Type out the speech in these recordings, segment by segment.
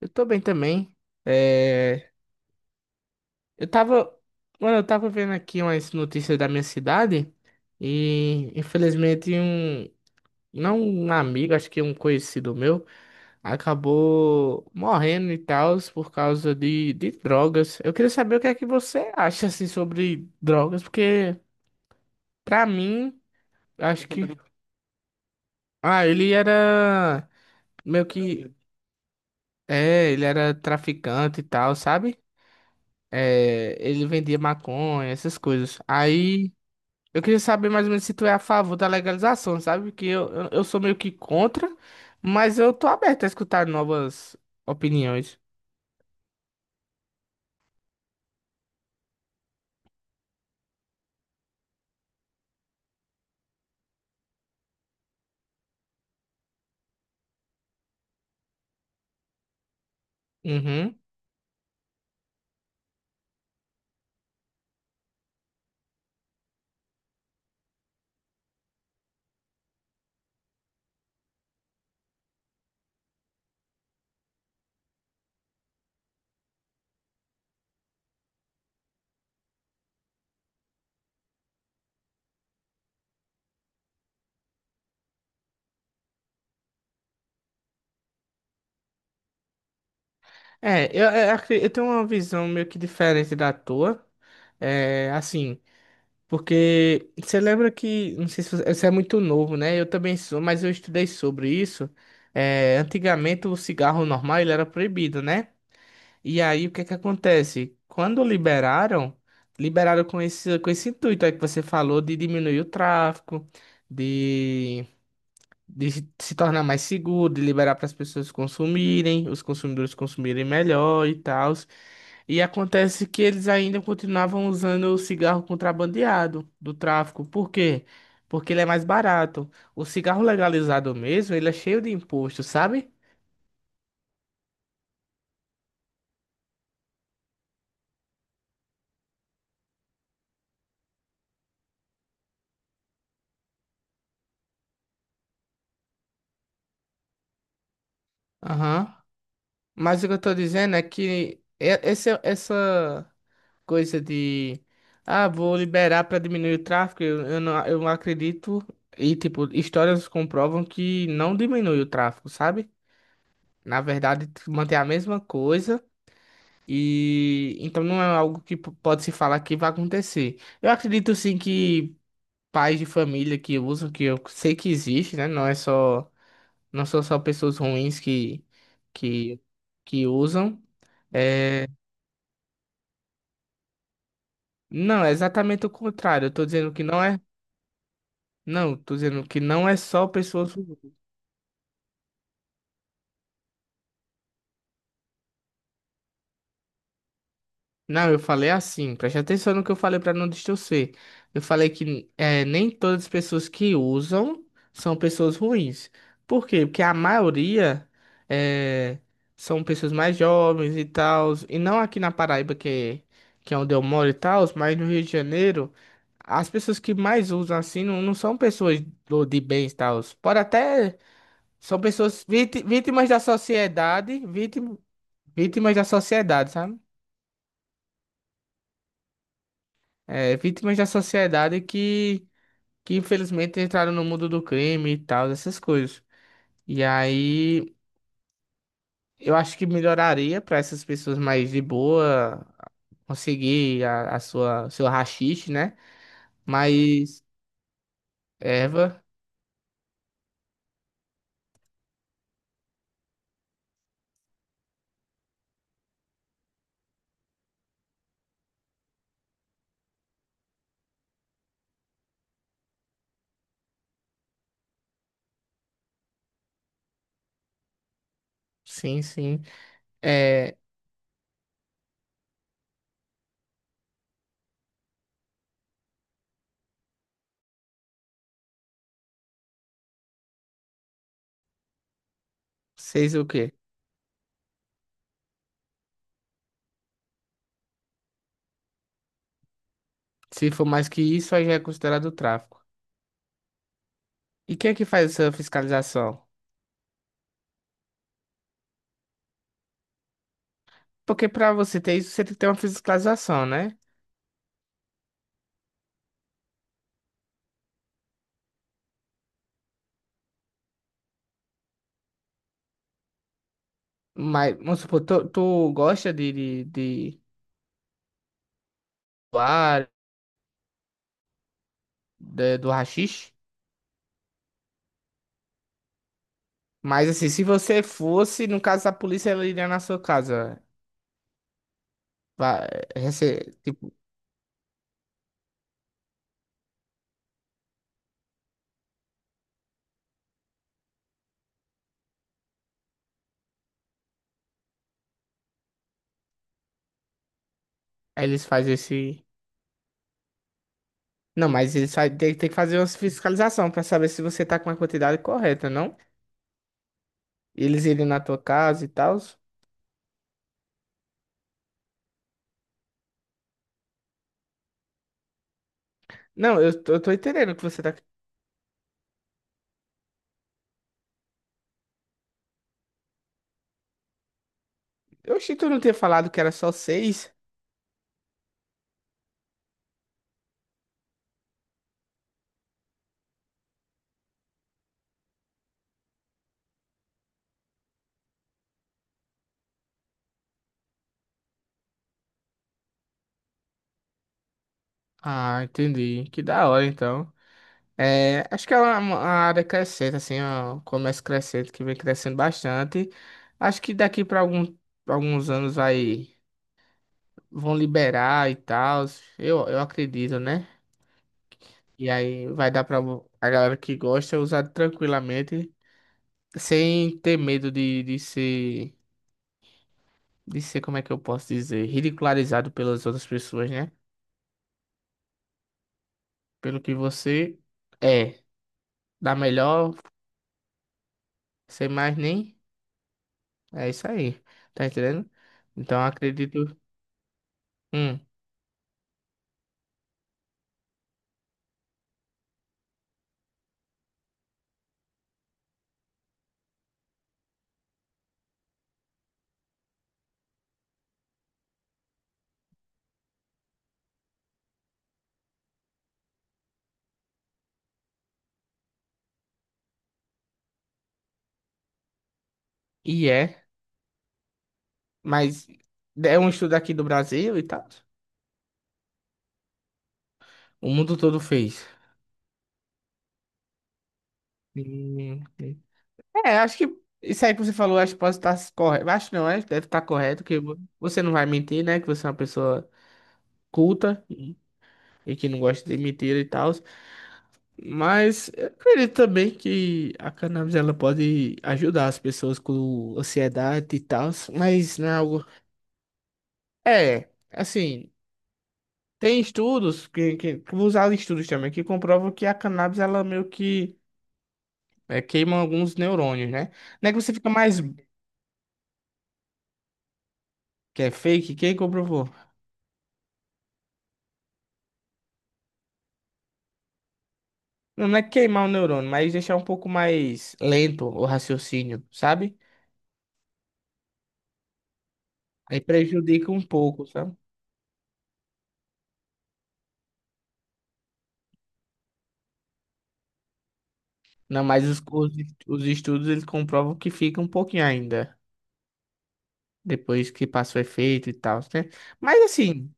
Eu tô bem também. É, eu tava, mano, eu tava vendo aqui umas notícias da minha cidade e infelizmente não um amigo, acho que um conhecido meu, acabou morrendo e tal por causa de drogas. Eu queria saber o que é que você acha assim sobre drogas, porque pra mim, acho que ele era meio que ele era traficante e tal, sabe? É, ele vendia maconha, essas coisas. Aí eu queria saber mais ou menos se tu é a favor da legalização, sabe? Que eu sou meio que contra, mas eu tô aberto a escutar novas opiniões. Uhum. Eu tenho uma visão meio que diferente da tua. É, assim, porque você lembra que, não sei se você, você é muito novo, né? Eu também sou, mas eu estudei sobre isso. É, antigamente o cigarro normal ele era proibido, né? E aí, o que é que acontece? Quando liberaram, liberaram com esse intuito aí que você falou de diminuir o tráfico, de, de se tornar mais seguro, de liberar para as pessoas consumirem, os consumidores consumirem melhor e tal. E acontece que eles ainda continuavam usando o cigarro contrabandeado do tráfico. Por quê? Porque ele é mais barato. O cigarro legalizado mesmo, ele é cheio de imposto, sabe? Aham. Mas o que eu tô dizendo é que essa coisa de ah, vou liberar para diminuir o tráfego, eu não acredito. E, tipo, histórias comprovam que não diminui o tráfego, sabe? Na verdade, mantém a mesma coisa. E então não é algo que pode se falar que vai acontecer. Eu acredito sim que pais de família que usam, que eu sei que existe, né? Não são só pessoas ruins que, que usam. eh, Não, é exatamente o contrário. Eu tô dizendo que não é. Não, tô dizendo que não é só pessoas. Não, eu falei assim. Preste atenção no que eu falei para não distorcer. Eu falei que é, nem todas as pessoas que usam são pessoas ruins. Por quê? Porque a maioria é, são pessoas mais jovens e tal. E não aqui na Paraíba, que é onde eu moro e tal, mas no Rio de Janeiro. As pessoas que mais usam assim não são pessoas de bens e tal. Pode até. São pessoas vítimas da sociedade, vítimas da sociedade, sabe? É, vítimas da sociedade que infelizmente entraram no mundo do crime e tal, essas coisas. E aí eu acho que melhoraria para essas pessoas mais de boa conseguir a sua seu haxixe, né? Mas erva, sim, sim. É, seis o quê? Se for mais que isso, aí já é considerado tráfico. E quem é que faz essa fiscalização? Porque pra você ter isso, você tem que ter uma fiscalização, né? Mas, vamos supor, tu gosta de doar, do haxixe? Mas assim, se você fosse, no caso, a polícia ela iria na sua casa. Vai, tipo, aí eles fazem esse. Não, mas eles tem que fazer uma fiscalização pra saber se você tá com a quantidade correta, não? Eles irem na tua casa e tal. Não, eu tô entendendo o que você tá. Eu achei que tu não tinha falado que era só seis. Ah, entendi. Que da hora, então. É, acho que é uma área crescente, assim, ó, um comércio crescente que vem crescendo bastante. Acho que daqui para alguns anos vai, vão liberar e tal, eu acredito, né? E aí vai dar para a galera que gosta usar tranquilamente, sem ter medo de ser, como é que eu posso dizer, ridicularizado pelas outras pessoas, né? Pelo que você é, dá melhor, sem mais nem, é isso aí, tá entendendo? Então acredito. Hum, e é, mas é um estudo aqui do Brasil e tal. O mundo todo fez. Hum, É, acho que isso aí que você falou, acho que pode estar correto. Acho não, acho que deve estar correto, que você não vai mentir, né? Que você é uma pessoa culta e que não gosta de mentira e tal. Mas eu acredito também que a cannabis ela pode ajudar as pessoas com ansiedade e tal, mas não é algo. É, assim. Tem estudos que vou usar estudos também que comprovam que a cannabis ela meio que queima alguns neurônios, né? Não é que você fica mais que é fake, quem comprovou? Não, não é queimar o neurônio, mas deixar um pouco mais lento o raciocínio, sabe? Aí prejudica um pouco, sabe? Não, mas os estudos eles comprovam que fica um pouquinho ainda depois que passa o efeito e tal, né? Mas assim,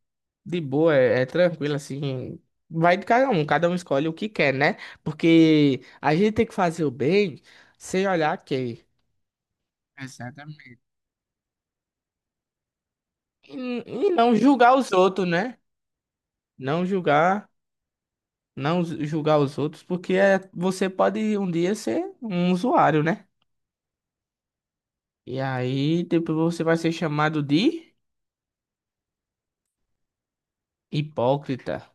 de boa, é tranquilo, assim. Vai de cada um escolhe o que quer, né? Porque a gente tem que fazer o bem sem olhar quem. Exatamente. E não julgar os outros, né? Não julgar, não ju- julgar os outros, porque é, você pode um dia ser um usuário, né? E aí depois você vai ser chamado de hipócrita.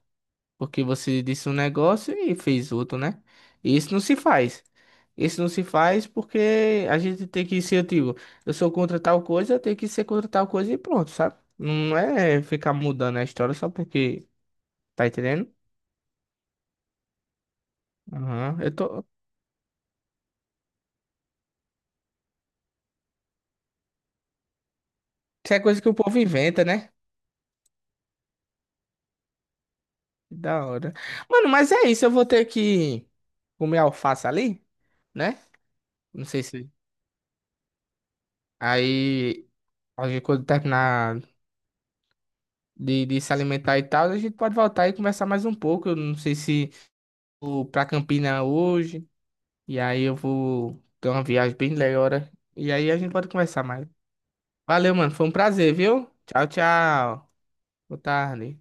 Porque você disse um negócio e fez outro, né? E isso não se faz. Isso não se faz porque a gente tem que ser, eu digo, eu sou contra tal coisa, eu tenho que ser contra tal coisa e pronto, sabe? Não é ficar mudando a história só porque, tá entendendo? Aham, eu tô... Isso é coisa que o povo inventa, né? Que da hora. Mano, mas é isso, eu vou ter que comer alface ali, né? Não sei se... Aí, a gente, quando terminar de se alimentar e tal, a gente pode voltar e conversar mais um pouco. Eu não sei se vou pra Campina hoje, e aí eu vou ter uma viagem bem legal, hora, e aí a gente pode conversar mais. Valeu, mano, foi um prazer, viu? Tchau, tchau. Boa tarde.